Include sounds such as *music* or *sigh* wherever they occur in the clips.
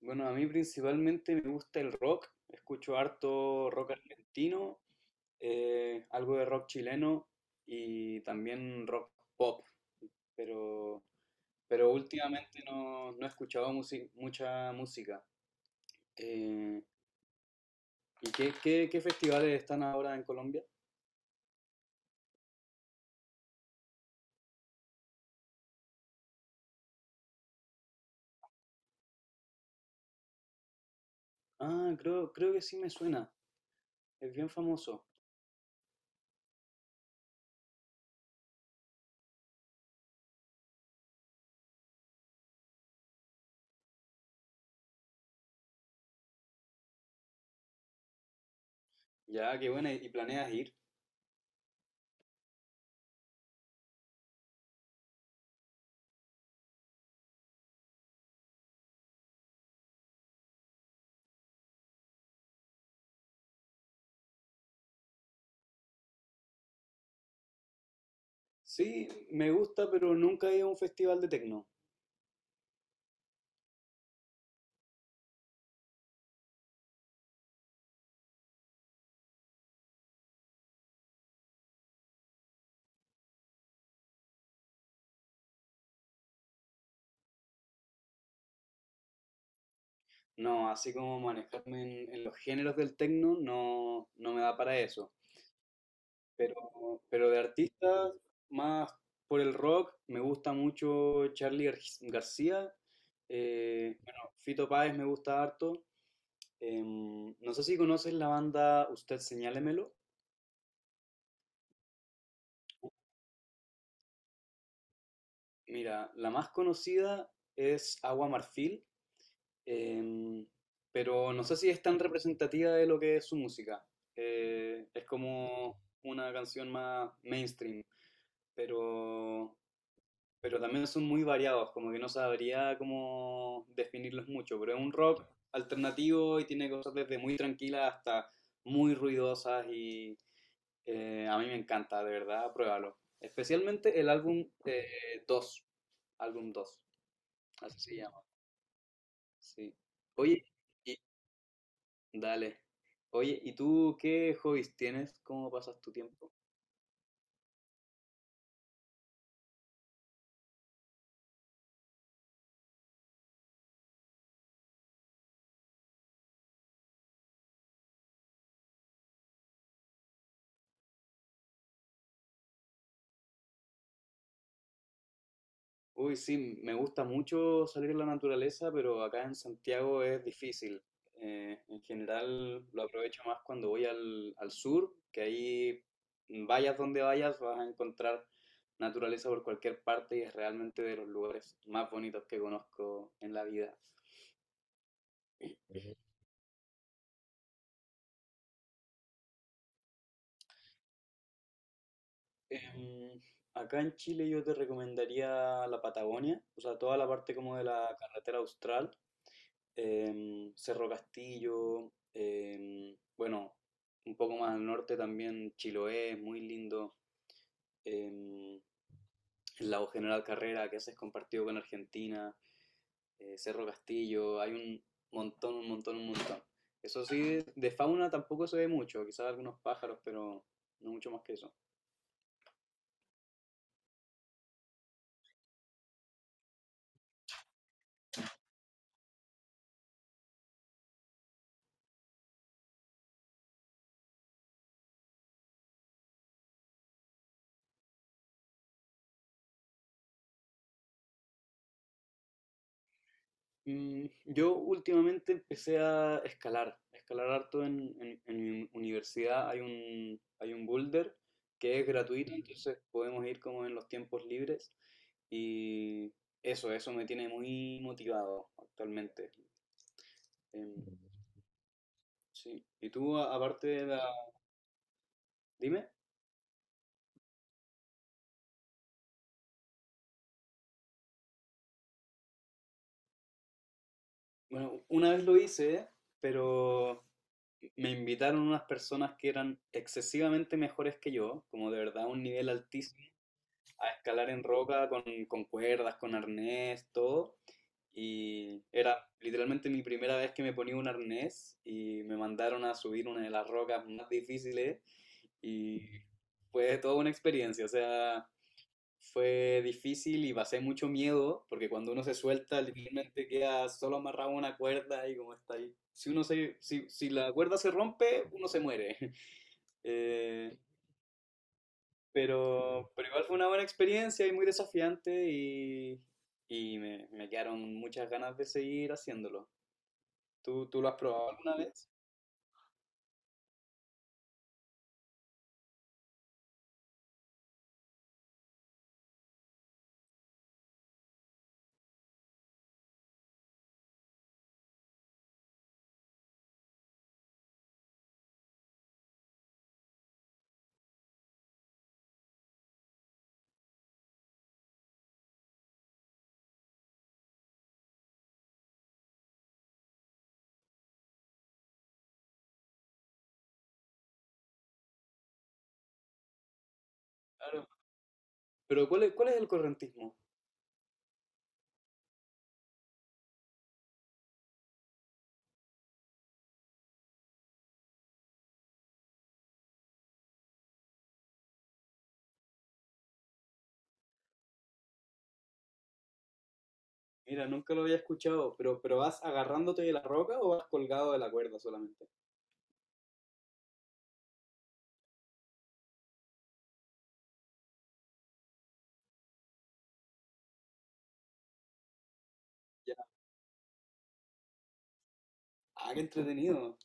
Bueno, a mí principalmente me gusta el rock, escucho harto rock argentino, algo de rock chileno y también rock pop, pero, pero últimamente no he escuchado mucha música. Eh, ¿Y qué festivales están ahora en Colombia? Ah, creo que sí me suena, es bien famoso. Ya, qué buena, ¿y planeas ir? Sí, me gusta, pero nunca he ido a un festival de tecno. No, así como manejarme en los géneros del techno no me da para eso. Pero, pero de artistas, más por el rock, me gusta mucho García. Eh, bueno, Fito Páez me gusta harto. Em, no sé si conoces la banda Usted Señálemelo. Mira, la más conocida es Agua Marfil. Em, pero no sé si es tan representativa de lo que es su música. Es como una canción más mainstream, pero, pero también son muy variados, como que no sabría cómo definirlos mucho, pero es un rock alternativo y tiene cosas desde muy tranquilas hasta muy ruidosas y a mí me encanta, de verdad, pruébalo. Especialmente el álbum 2 álbum 2 así se llama, sí. Oye, y, dale. Oye, ¿y tú qué hobbies tienes? ¿Cómo pasas tu tiempo? Uy, sí, me gusta mucho salir a la naturaleza, pero acá en Santiago es difícil. En general lo aprovecho más cuando voy al sur, que ahí vayas donde vayas vas a encontrar naturaleza por cualquier parte y es realmente de los lugares más bonitos que conozco en la vida. Em, acá en Chile yo te recomendaría la Patagonia, o sea, toda la parte como de la carretera austral. Em, Cerro Castillo, em, bueno, un poco más al norte también Chiloé, muy lindo. Em, el lago General Carrera, que ese es compartido con Argentina. Eh, Cerro Castillo, hay un montón, un montón, un montón. Eso sí, de fauna tampoco se ve mucho, quizás algunos pájaros, pero no mucho más que eso. Mm, yo últimamente empecé a escalar harto en mi universidad. Hay un boulder que es gratuito. Mm, entonces podemos ir como en los tiempos libres. Y eso me tiene muy motivado actualmente. Em, sí. ¿Y tú, aparte de la... ¿Dime? Bueno, una vez lo hice, pero me invitaron unas personas que eran excesivamente mejores que yo, como de verdad un nivel altísimo a escalar en roca con cuerdas, con arnés, todo. Y era literalmente mi primera vez que me ponía un arnés y me mandaron a subir una de las rocas más difíciles y fue toda una experiencia, o sea, fue difícil y pasé mucho miedo porque cuando uno se suelta literalmente queda solo amarrado a una cuerda y como está ahí. Si, si la cuerda se rompe, uno se muere. *laughs* Eh, pero igual fue una buena experiencia y muy desafiante y me quedaron muchas ganas de seguir haciéndolo. Tú lo has probado alguna vez? Claro. Pero cuál es el correntismo? Mira, nunca lo había escuchado, pero ¿vas agarrándote de la roca o vas colgado de la cuerda solamente? Ya. Ah, qué entretenido.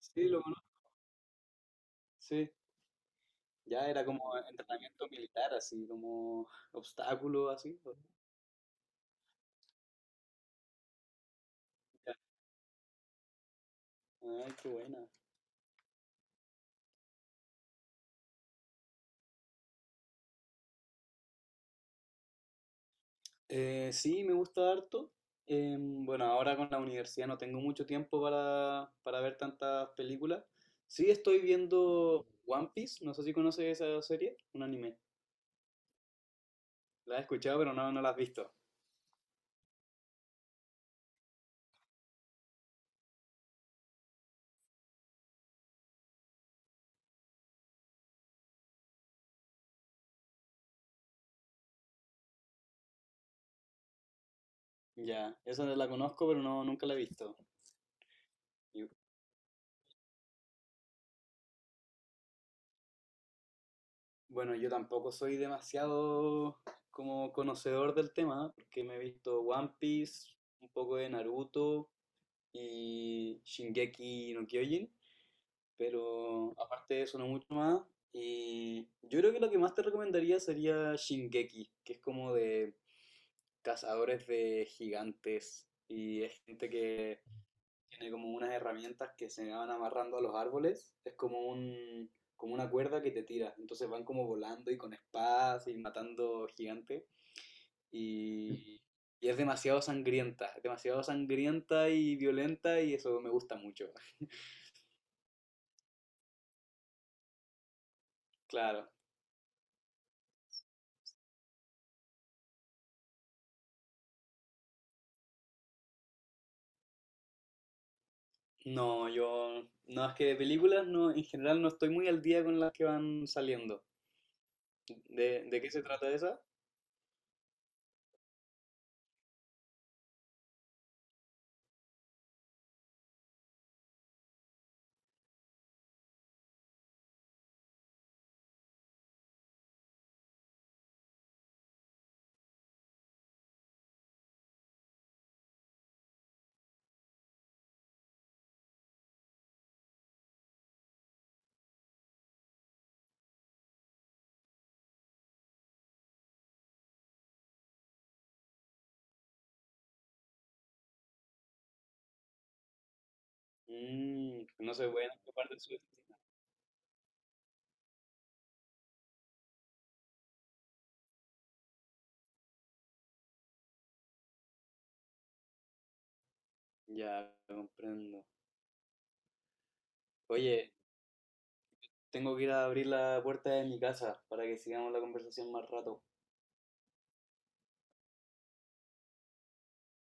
Sí, lo conozco. Sí. Ya era como entrenamiento militar, así, como obstáculo, así. Ya. Ay, qué buena. Sí, me gusta harto. Bueno, ahora con la universidad no tengo mucho tiempo para ver tantas películas. Sí, estoy viendo One Piece, no sé si conoces esa serie, un anime. La he escuchado, pero no la has visto. Ya, esa la conozco, pero no, nunca la he visto. Y, bueno, yo tampoco soy demasiado como conocedor del tema, porque me he visto One Piece, un poco de Naruto y Shingeki no Kyojin. Pero aparte de eso, no mucho más. Y yo creo que lo que más te recomendaría sería Shingeki, que es como de cazadores de gigantes. Y es gente que tiene como unas herramientas que se van amarrando a los árboles. Es como como una cuerda que te tira. Entonces van como volando y con espadas y matando gigantes. Y, y es demasiado sangrienta y violenta y eso me gusta mucho. *laughs* Claro. No, yo, no, es que de películas no, en general no estoy muy al día con las que van saliendo. De qué se trata esa? Mm, no se pueden ocupar de su destino. Ya, comprendo. Oye, tengo que ir a abrir la puerta de mi casa para que sigamos la conversación más rato.